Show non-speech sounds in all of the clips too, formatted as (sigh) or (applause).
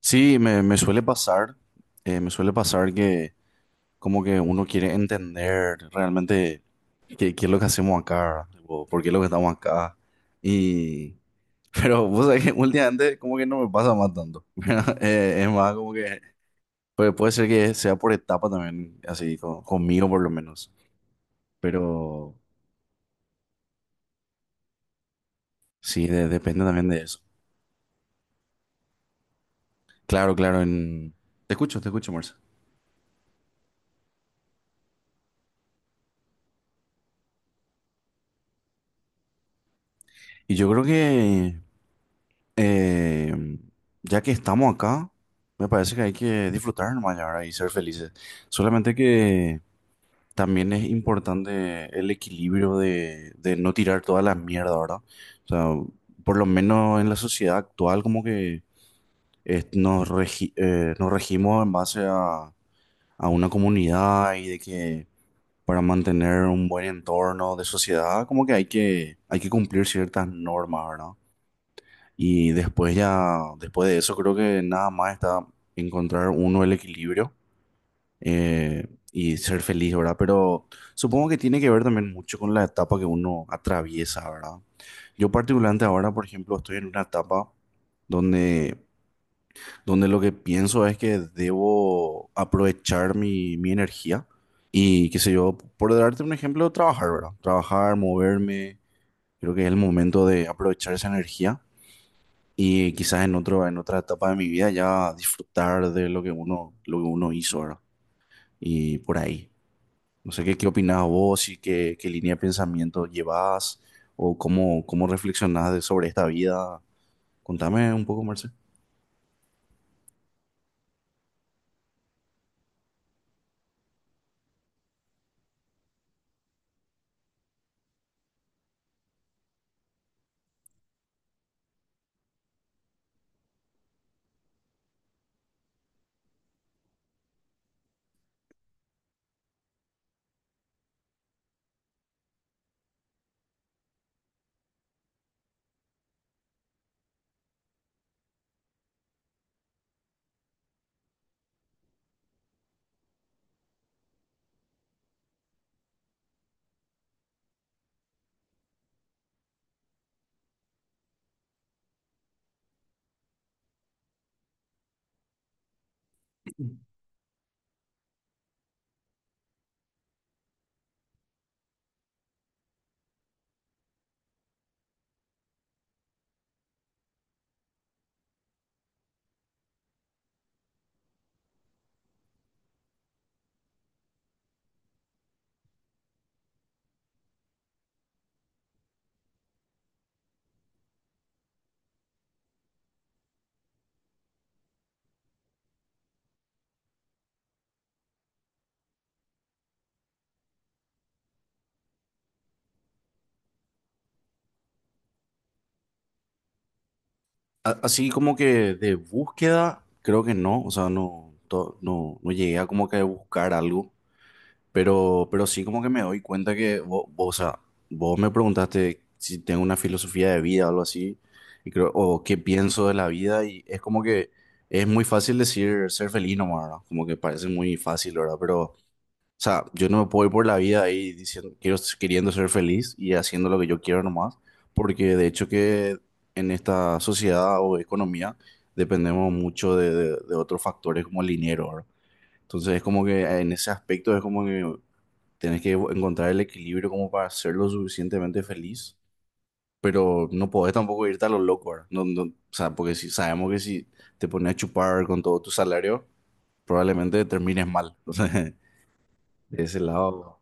Sí, me suele pasar, me suele pasar que como que uno quiere entender realmente qué es lo que hacemos acá, o por qué es lo que estamos acá. Y, (laughs) pero vos sabés que últimamente como que no me pasa más tanto. (laughs) ¿Verdad? Es más como que pues puede ser que sea por etapa también, así conmigo por lo menos. Pero sí, depende también de eso. Claro, claro, en... te escucho, Marcia. Y yo creo que... Eh, ya que estamos acá, me parece que hay que disfrutar nomás ya, ¿verdad?, y ser felices. Solamente que también es importante el equilibrio de no tirar toda la mierda, ¿verdad? O sea, por lo menos en la sociedad actual como que nos regimos en base a una comunidad y de que para mantener un buen entorno de sociedad como que hay que cumplir ciertas normas, ¿verdad? Y después ya, después de eso creo que nada más está encontrar uno el equilibrio eh, y ser feliz, ¿verdad? Pero supongo que tiene que ver también mucho con la etapa que uno atraviesa, ¿verdad? Yo particularmente ahora, por ejemplo, estoy en una etapa donde, donde lo que pienso es que debo aprovechar mi energía y, qué sé yo, por darte un ejemplo, trabajar, ¿verdad? Trabajar, moverme, creo que es el momento de aprovechar esa energía y quizás en otro, en otra etapa de mi vida ya disfrutar de lo que uno hizo, ¿verdad? Y por ahí. No sé qué opinás vos y qué línea de pensamiento llevás o cómo, cómo reflexionás sobre esta vida. Contame un poco, Marce. Así como que de búsqueda, creo que no, o sea, no, no llegué a como que buscar algo. Pero sí como que me doy cuenta que vos, o sea, vos me preguntaste si tengo una filosofía de vida o algo así, y creo, o qué pienso de la vida, y es como que es muy fácil decir ser feliz nomás, ¿verdad? Como que parece muy fácil, ¿verdad? Pero, o sea, yo no me puedo ir por la vida ahí diciendo, quiero, queriendo ser feliz y haciendo lo que yo quiero nomás, porque de hecho que en esta sociedad o economía dependemos mucho de, de otros factores como el dinero, ¿verdad? Entonces es como que en ese aspecto es como que tenés que encontrar el equilibrio como para ser lo suficientemente feliz, pero no podés tampoco irte a lo loco, ¿verdad? No, no, o sea, porque si sabemos que si te pones a chupar con todo tu salario, probablemente termines mal. (laughs) Entonces, de ese lado,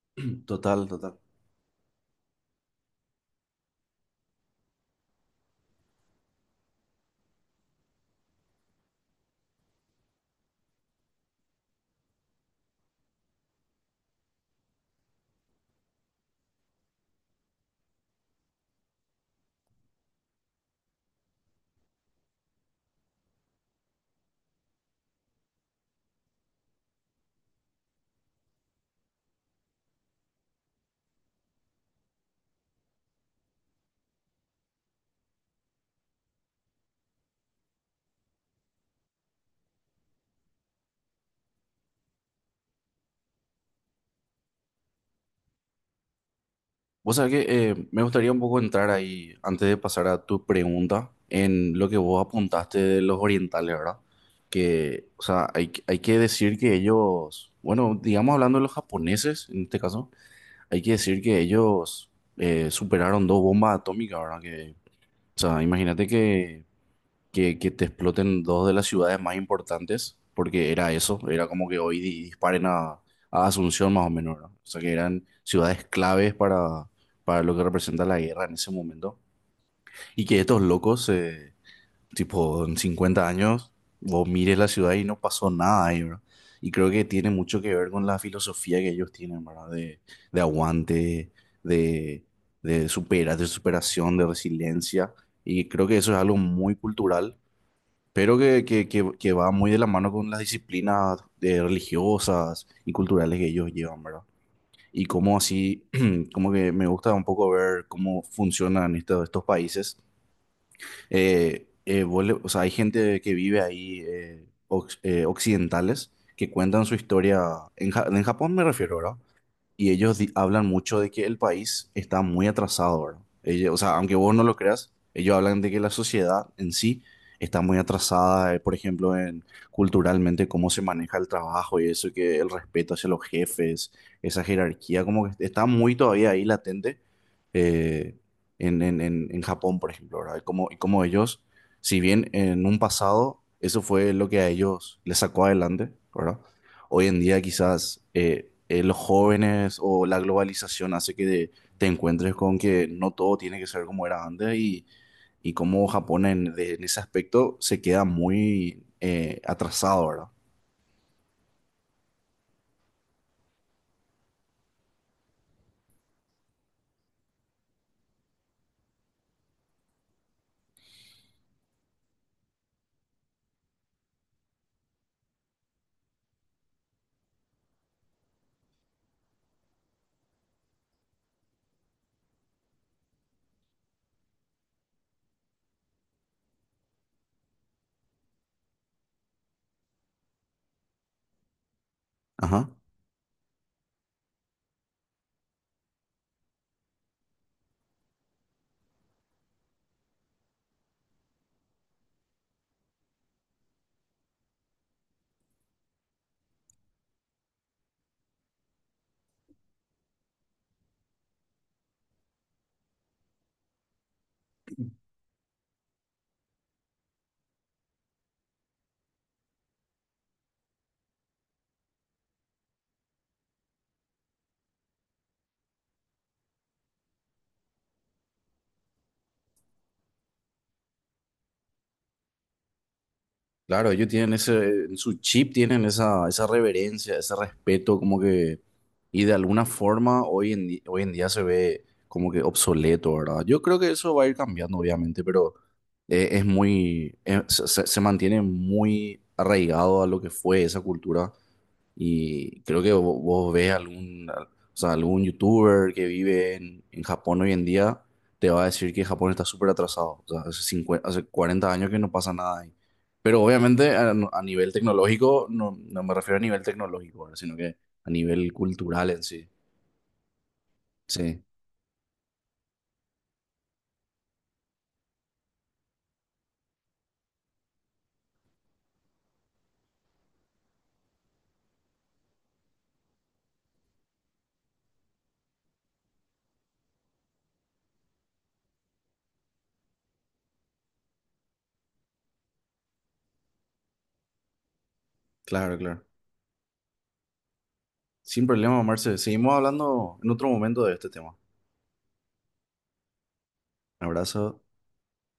(clears throat) total, total. Vos sabés que me gustaría un poco entrar ahí, antes de pasar a tu pregunta, en lo que vos apuntaste de los orientales, ¿verdad? Que, o sea, hay que decir que ellos, bueno, digamos hablando de los japoneses, en este caso, hay que decir que ellos superaron dos bombas atómicas, ¿verdad? Que, o sea, imagínate que, que te exploten dos de las ciudades más importantes, porque era eso, era como que hoy disparen a Asunción más o menos, ¿verdad? O sea, que eran ciudades claves para lo que representa la guerra en ese momento. Y que estos locos tipo, en 50 años, vos mires la ciudad y no pasó nada ahí, ¿verdad? Y creo que tiene mucho que ver con la filosofía que ellos tienen, ¿verdad? De aguante, de, de superación, de resiliencia. Y creo que eso es algo muy cultural, pero que va muy de la mano con las disciplinas religiosas y culturales que ellos llevan, ¿verdad? Y como así, (clears throat) como que me gusta un poco ver cómo funcionan estos países vos o sea, hay gente que vive ahí, occidentales, que cuentan su historia, en Japón me refiero, ¿verdad? Y ellos hablan mucho de que el país está muy atrasado, ¿verdad? O sea, aunque vos no lo creas, ellos hablan de que la sociedad en sí está muy atrasada, por ejemplo, en culturalmente cómo se maneja el trabajo y eso, que el respeto hacia los jefes, esa jerarquía, como que está muy todavía ahí latente eh, en Japón, por ejemplo, ¿verdad? Y como ellos, si bien en un pasado eso fue lo que a ellos les sacó adelante, ¿verdad? Hoy en día quizás los jóvenes o la globalización hace que te encuentres con que no todo tiene que ser como era antes y como Japón en, en ese aspecto se queda muy atrasado, ¿verdad? Ajá. Claro, ellos tienen ese, en su chip tienen esa, esa reverencia, ese respeto, como que, y de alguna forma hoy en, hoy en día se ve como que obsoleto, ¿verdad? Yo creo que eso va a ir cambiando, obviamente, pero es muy, se, se- se mantiene muy arraigado a lo que fue esa cultura y creo que vos, ves algún, o sea, algún youtuber que vive en Japón hoy en día, te va a decir que Japón está súper atrasado. O sea, hace 50 hace 40 años que no pasa nada ahí. Pero obviamente a, no, a nivel tecnológico, no, no me refiero a nivel tecnológico, ¿verdad?, sino que a nivel cultural en sí. Sí, claro, claro. Sin problema, Marce. Seguimos hablando en otro momento de este tema. Un abrazo.